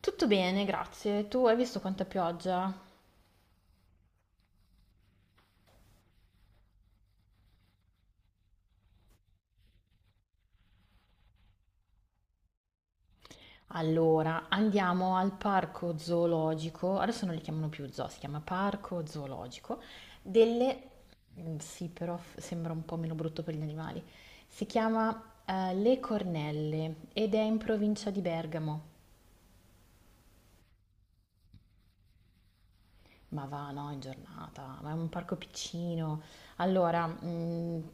Tutto bene, grazie. Tu hai visto quanta pioggia? Allora, andiamo al parco zoologico, adesso non li chiamano più zoo, si chiama parco zoologico. delle... Sì, però sembra un po' meno brutto per gli animali. Si chiama Le Cornelle ed è in provincia di Bergamo. Ma va, no, in giornata, ma è un parco piccino. Allora,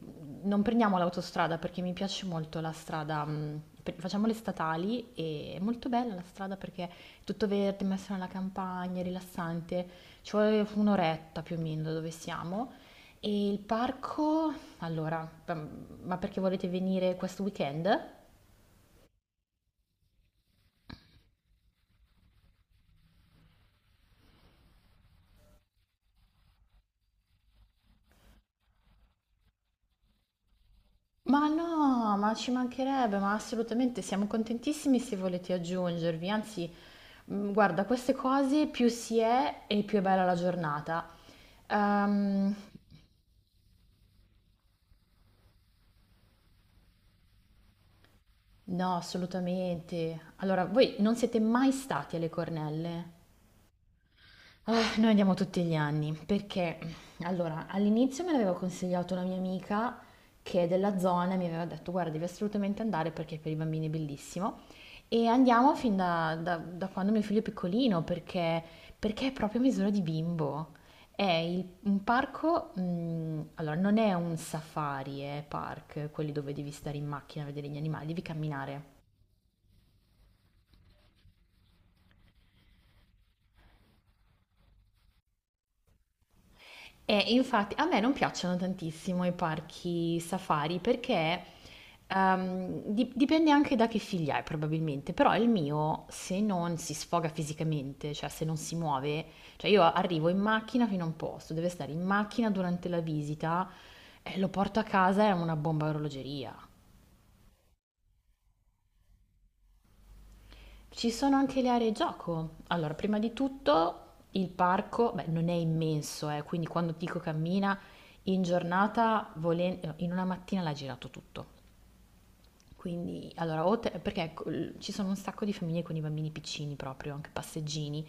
non prendiamo l'autostrada perché mi piace molto la strada, facciamo le statali e è molto bella la strada perché è tutto verde, messa nella campagna, è rilassante. Ci vuole un'oretta più o meno da dove siamo. E il parco, allora, ma perché volete venire questo weekend? Ma no, ma ci mancherebbe, ma assolutamente siamo contentissimi se volete aggiungervi. Anzi, guarda, queste cose più si è e più è bella la giornata. Ehm, no, assolutamente. Allora, voi non siete mai stati alle Cornelle? Ah, noi andiamo tutti gli anni perché allora all'inizio me l'aveva consigliato una mia amica che è della zona e mi aveva detto guarda devi assolutamente andare perché per i bambini è bellissimo e andiamo fin da quando mio figlio è piccolino, perché, perché è proprio a misura di bimbo. È un parco, allora non è un safari, è park, quelli dove devi stare in macchina a vedere gli animali, devi camminare. E infatti a me non piacciono tantissimo i parchi safari perché dipende anche da che figlia hai probabilmente, però il mio se non si sfoga fisicamente, cioè se non si muove, cioè io arrivo in macchina fino a un posto, deve stare in macchina durante la visita e lo porto a casa, è una bomba a orologeria. Ci sono anche le aree gioco. Allora, prima di tutto il parco, beh, non è immenso, quindi quando ti dico cammina in giornata, no, in una mattina l'ha girato tutto. Quindi, allora, perché ecco, ci sono un sacco di famiglie con i bambini piccini proprio, anche passeggini,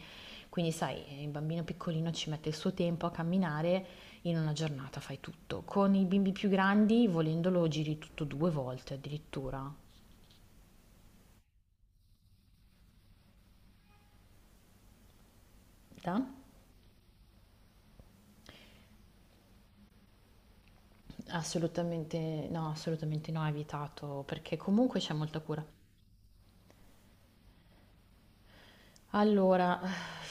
quindi sai, il bambino piccolino ci mette il suo tempo a camminare, in una giornata fai tutto. Con i bimbi più grandi, volendolo, giri tutto due volte addirittura. Da? Assolutamente no, ha evitato, perché comunque c'è molta cura. Allora,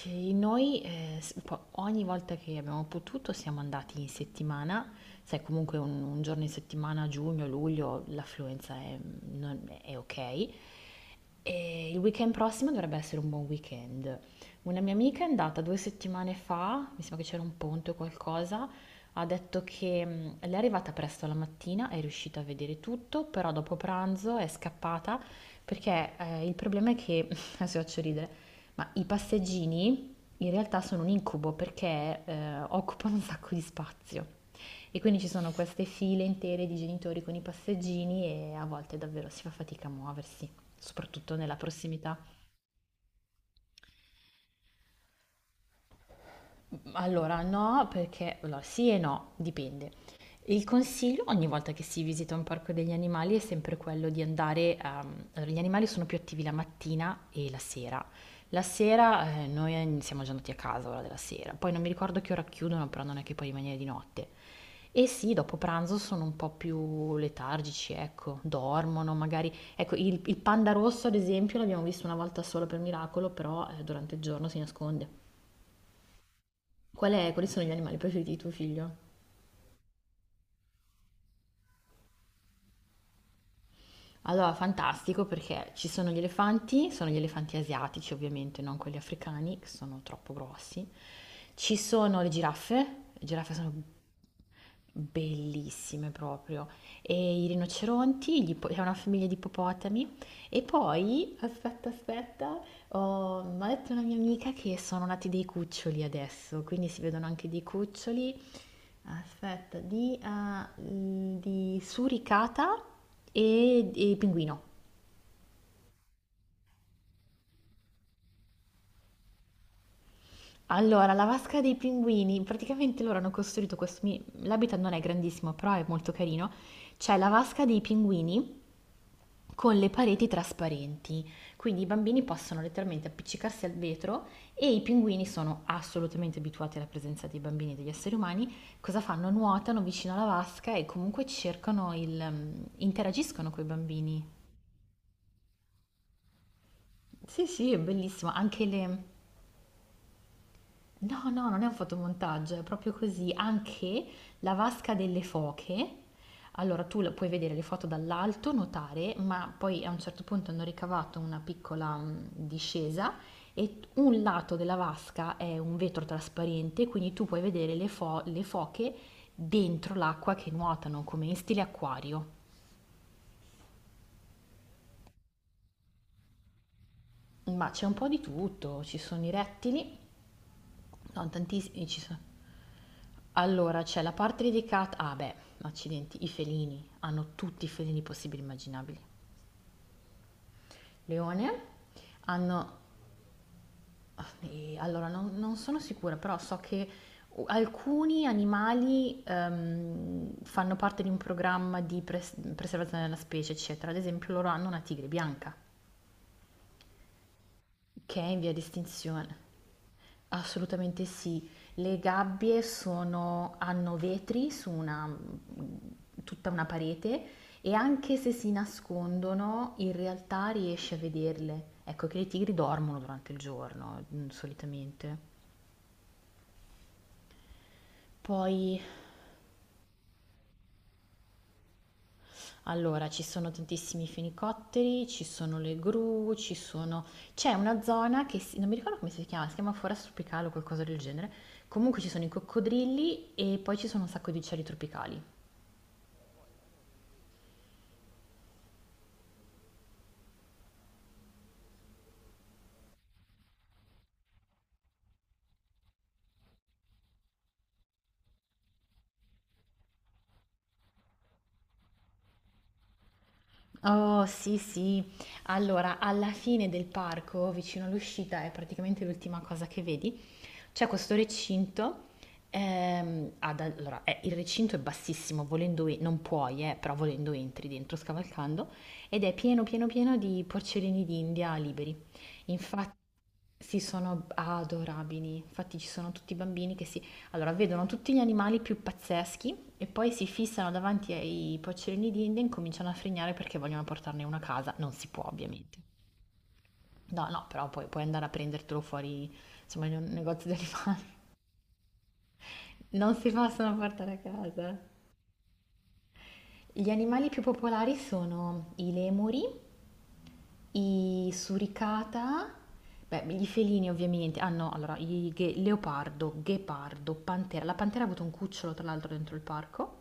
noi ogni volta che abbiamo potuto siamo andati in settimana, sai comunque un giorno in settimana, giugno, luglio, l'affluenza è, mm, non- è ok. E il weekend prossimo dovrebbe essere un buon weekend. Una mia amica è andata 2 settimane fa, mi sembra che c'era un ponte o qualcosa, ha detto che lei è arrivata presto la mattina, è riuscita a vedere tutto, però dopo pranzo è scappata perché il problema è che, adesso vi faccio ridere, ma i passeggini in realtà sono un incubo perché occupano un sacco di spazio e quindi ci sono queste file intere di genitori con i passeggini e a volte davvero si fa fatica a muoversi, soprattutto nella prossimità. Allora, no, perché allora, sì e no, dipende. Il consiglio ogni volta che si visita un parco degli animali è sempre quello di andare, allora, gli animali sono più attivi la mattina e la sera. La sera noi siamo già andati a casa ora della sera, poi non mi ricordo che ora chiudono, però non è che puoi rimanere di notte. E sì, dopo pranzo sono un po' più letargici, ecco, dormono magari. Ecco, il panda rosso ad esempio l'abbiamo visto una volta solo per miracolo, però durante il giorno si nasconde. Quali sono gli animali preferiti di tuo figlio? Allora, fantastico perché ci sono gli elefanti asiatici ovviamente, non quelli africani, che sono troppo grossi. Ci sono le giraffe sono bellissime proprio, e i rinoceronti, è una famiglia di ippopotami. E poi, aspetta, aspetta, Ho m'ha detto una mia amica che sono nati dei cuccioli adesso, quindi si vedono anche dei cuccioli. Aspetta, di suricata e pinguino. Allora, la vasca dei pinguini, praticamente loro hanno costruito questo mi l'habitat non è grandissimo, però è molto carino. C'è la vasca dei pinguini con le pareti trasparenti, quindi i bambini possono letteralmente appiccicarsi al vetro e i pinguini sono assolutamente abituati alla presenza dei bambini e degli esseri umani. Cosa fanno? Nuotano vicino alla vasca e comunque interagiscono con i bambini. Sì, sì, è bellissimo. No, no, non è un fotomontaggio, è proprio così. Anche la vasca delle foche. Allora, puoi vedere le foto dall'alto, notare, ma poi a un certo punto hanno ricavato una piccola discesa e un lato della vasca è un vetro trasparente, quindi tu puoi vedere le foche dentro l'acqua che nuotano, come in stile acquario. Ma c'è un po' di tutto, ci sono i rettili, no, tantissimi, ci sono... Allora, c'è la parte dedicata, accidenti, i felini, hanno tutti i felini possibili e immaginabili. Leone, hanno, e allora non sono sicura, però so che alcuni animali fanno parte di un programma di preservazione della specie, eccetera. Ad esempio loro hanno una tigre bianca, che è in via di estinzione. Assolutamente sì. Le gabbie sono hanno vetri su una tutta una parete e anche se si nascondono, in realtà riesci a vederle. Ecco che i tigri dormono durante il giorno, solitamente. Poi, allora, ci sono tantissimi fenicotteri, ci sono le gru, ci sono... C'è una zona che non mi ricordo come si chiama foresta tropicale o qualcosa del genere. Comunque ci sono i coccodrilli e poi ci sono un sacco di uccelli tropicali. Oh sì, sì. Allora, alla fine del parco, vicino all'uscita, è praticamente l'ultima cosa che vedi, c'è questo recinto. Allora, il recinto è bassissimo, volendo non puoi, però volendo entri dentro scavalcando, ed è pieno pieno pieno di porcellini d'India liberi. Sì, sono adorabili. Infatti ci sono tutti i bambini che si... Allora, vedono tutti gli animali più pazzeschi e poi si fissano davanti ai pocciolini di India e incominciano a frignare perché vogliono portarne uno a casa. Non si può, ovviamente. No, no, però poi puoi andare a prendertelo fuori, insomma, in un negozio di animali. Non si possono portare a casa. Gli animali più popolari sono i lemuri, i suricata, beh, gli felini ovviamente, ah no, allora, leopardo, ghepardo, pantera. La pantera ha avuto un cucciolo, tra l'altro, dentro il parco.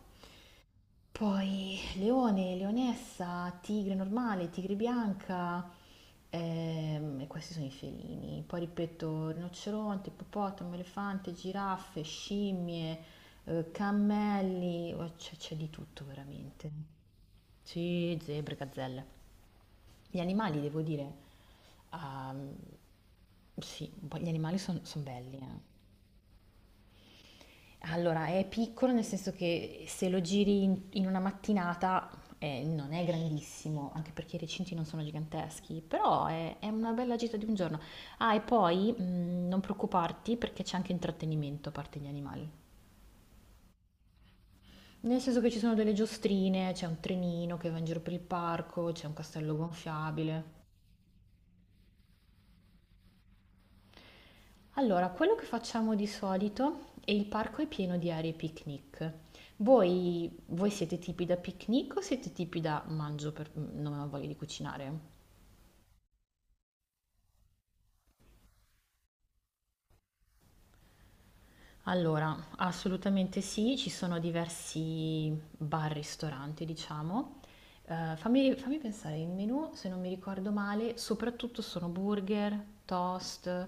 Poi leone, leonessa, tigre normale, tigre bianca, e questi sono i felini. Poi ripeto, rinoceronte, ippopotamo, elefante, giraffe, scimmie, cammelli, oh, c'è di tutto veramente. Sì, zebre, gazzelle. Gli animali, devo dire, ehm, sì, un po' gli animali sono belli, eh. Allora, è piccolo nel senso che se lo giri in una mattinata non è grandissimo, anche perché i recinti non sono giganteschi, però è una bella gita di un giorno. Ah, e poi non preoccuparti perché c'è anche intrattenimento a parte gli animali. Nel senso che ci sono delle giostrine, c'è un trenino che va in giro per il parco, c'è un castello gonfiabile. Allora, quello che facciamo di solito e il parco è pieno di aree picnic. Voi siete tipi da picnic o siete tipi da non ho voglia di cucinare? Allora, assolutamente sì, ci sono diversi bar-ristoranti, diciamo. Fammi pensare, il menù, se non mi ricordo male, soprattutto sono burger, toast,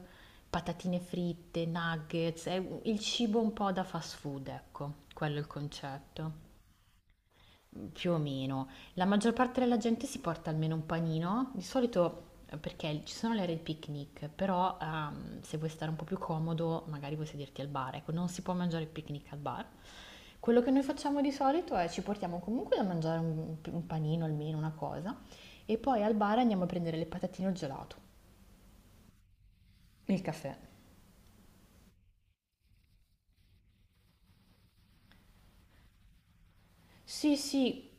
patatine fritte, nuggets, è il cibo un po' da fast food, ecco, quello è il concetto. Più o meno. La maggior parte della gente si porta almeno un panino, di solito perché ci sono le aree di picnic, però se vuoi stare un po' più comodo, magari vuoi sederti al bar, ecco, non si può mangiare il picnic al bar. Quello che noi facciamo di solito è ci portiamo comunque da mangiare un panino almeno, una cosa, e poi al bar andiamo a prendere le patatine o il gelato, il caffè. Sì, sì.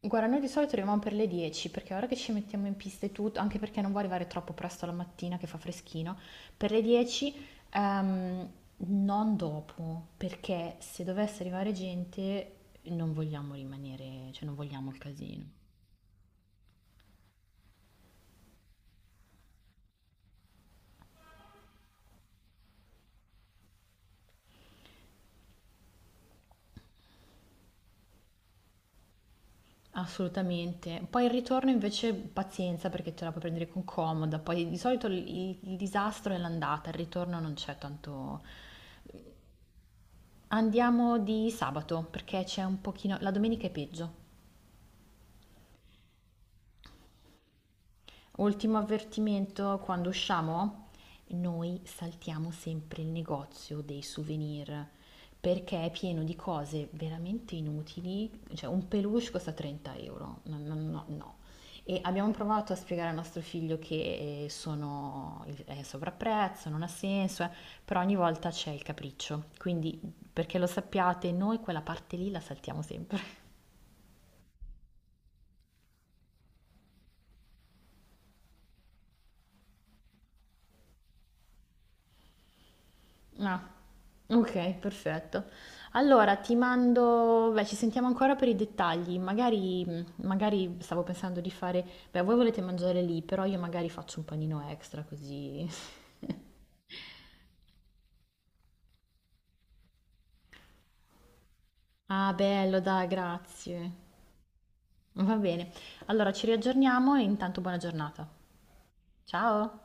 Guarda, noi di solito arriviamo per le 10 perché ora che ci mettiamo in pista e tutto, anche perché non vuoi arrivare troppo presto la mattina che fa freschino, per le 10 ehm, non dopo, perché se dovesse arrivare gente non vogliamo rimanere, cioè non vogliamo il casino. Assolutamente. Poi il ritorno invece pazienza perché te la puoi prendere con comoda, poi di solito il disastro è l'andata, il ritorno non c'è tanto... Andiamo di sabato perché c'è un pochino... La domenica è peggio. Ultimo avvertimento, quando usciamo noi saltiamo sempre il negozio dei souvenir perché è pieno di cose veramente inutili, cioè un peluche costa 30 euro, no, no, no, no. E abbiamo provato a spiegare al nostro figlio che è sovrapprezzo, non ha senso, però ogni volta c'è il capriccio, quindi perché lo sappiate, noi quella parte lì la saltiamo sempre. No, okay, perfetto. Allora ci sentiamo ancora per i dettagli. Magari stavo pensando di fare, voi volete mangiare lì, però io magari faccio un panino extra così. Ah, bello, dai, grazie. Va bene. Allora ci riaggiorniamo e intanto buona giornata. Ciao.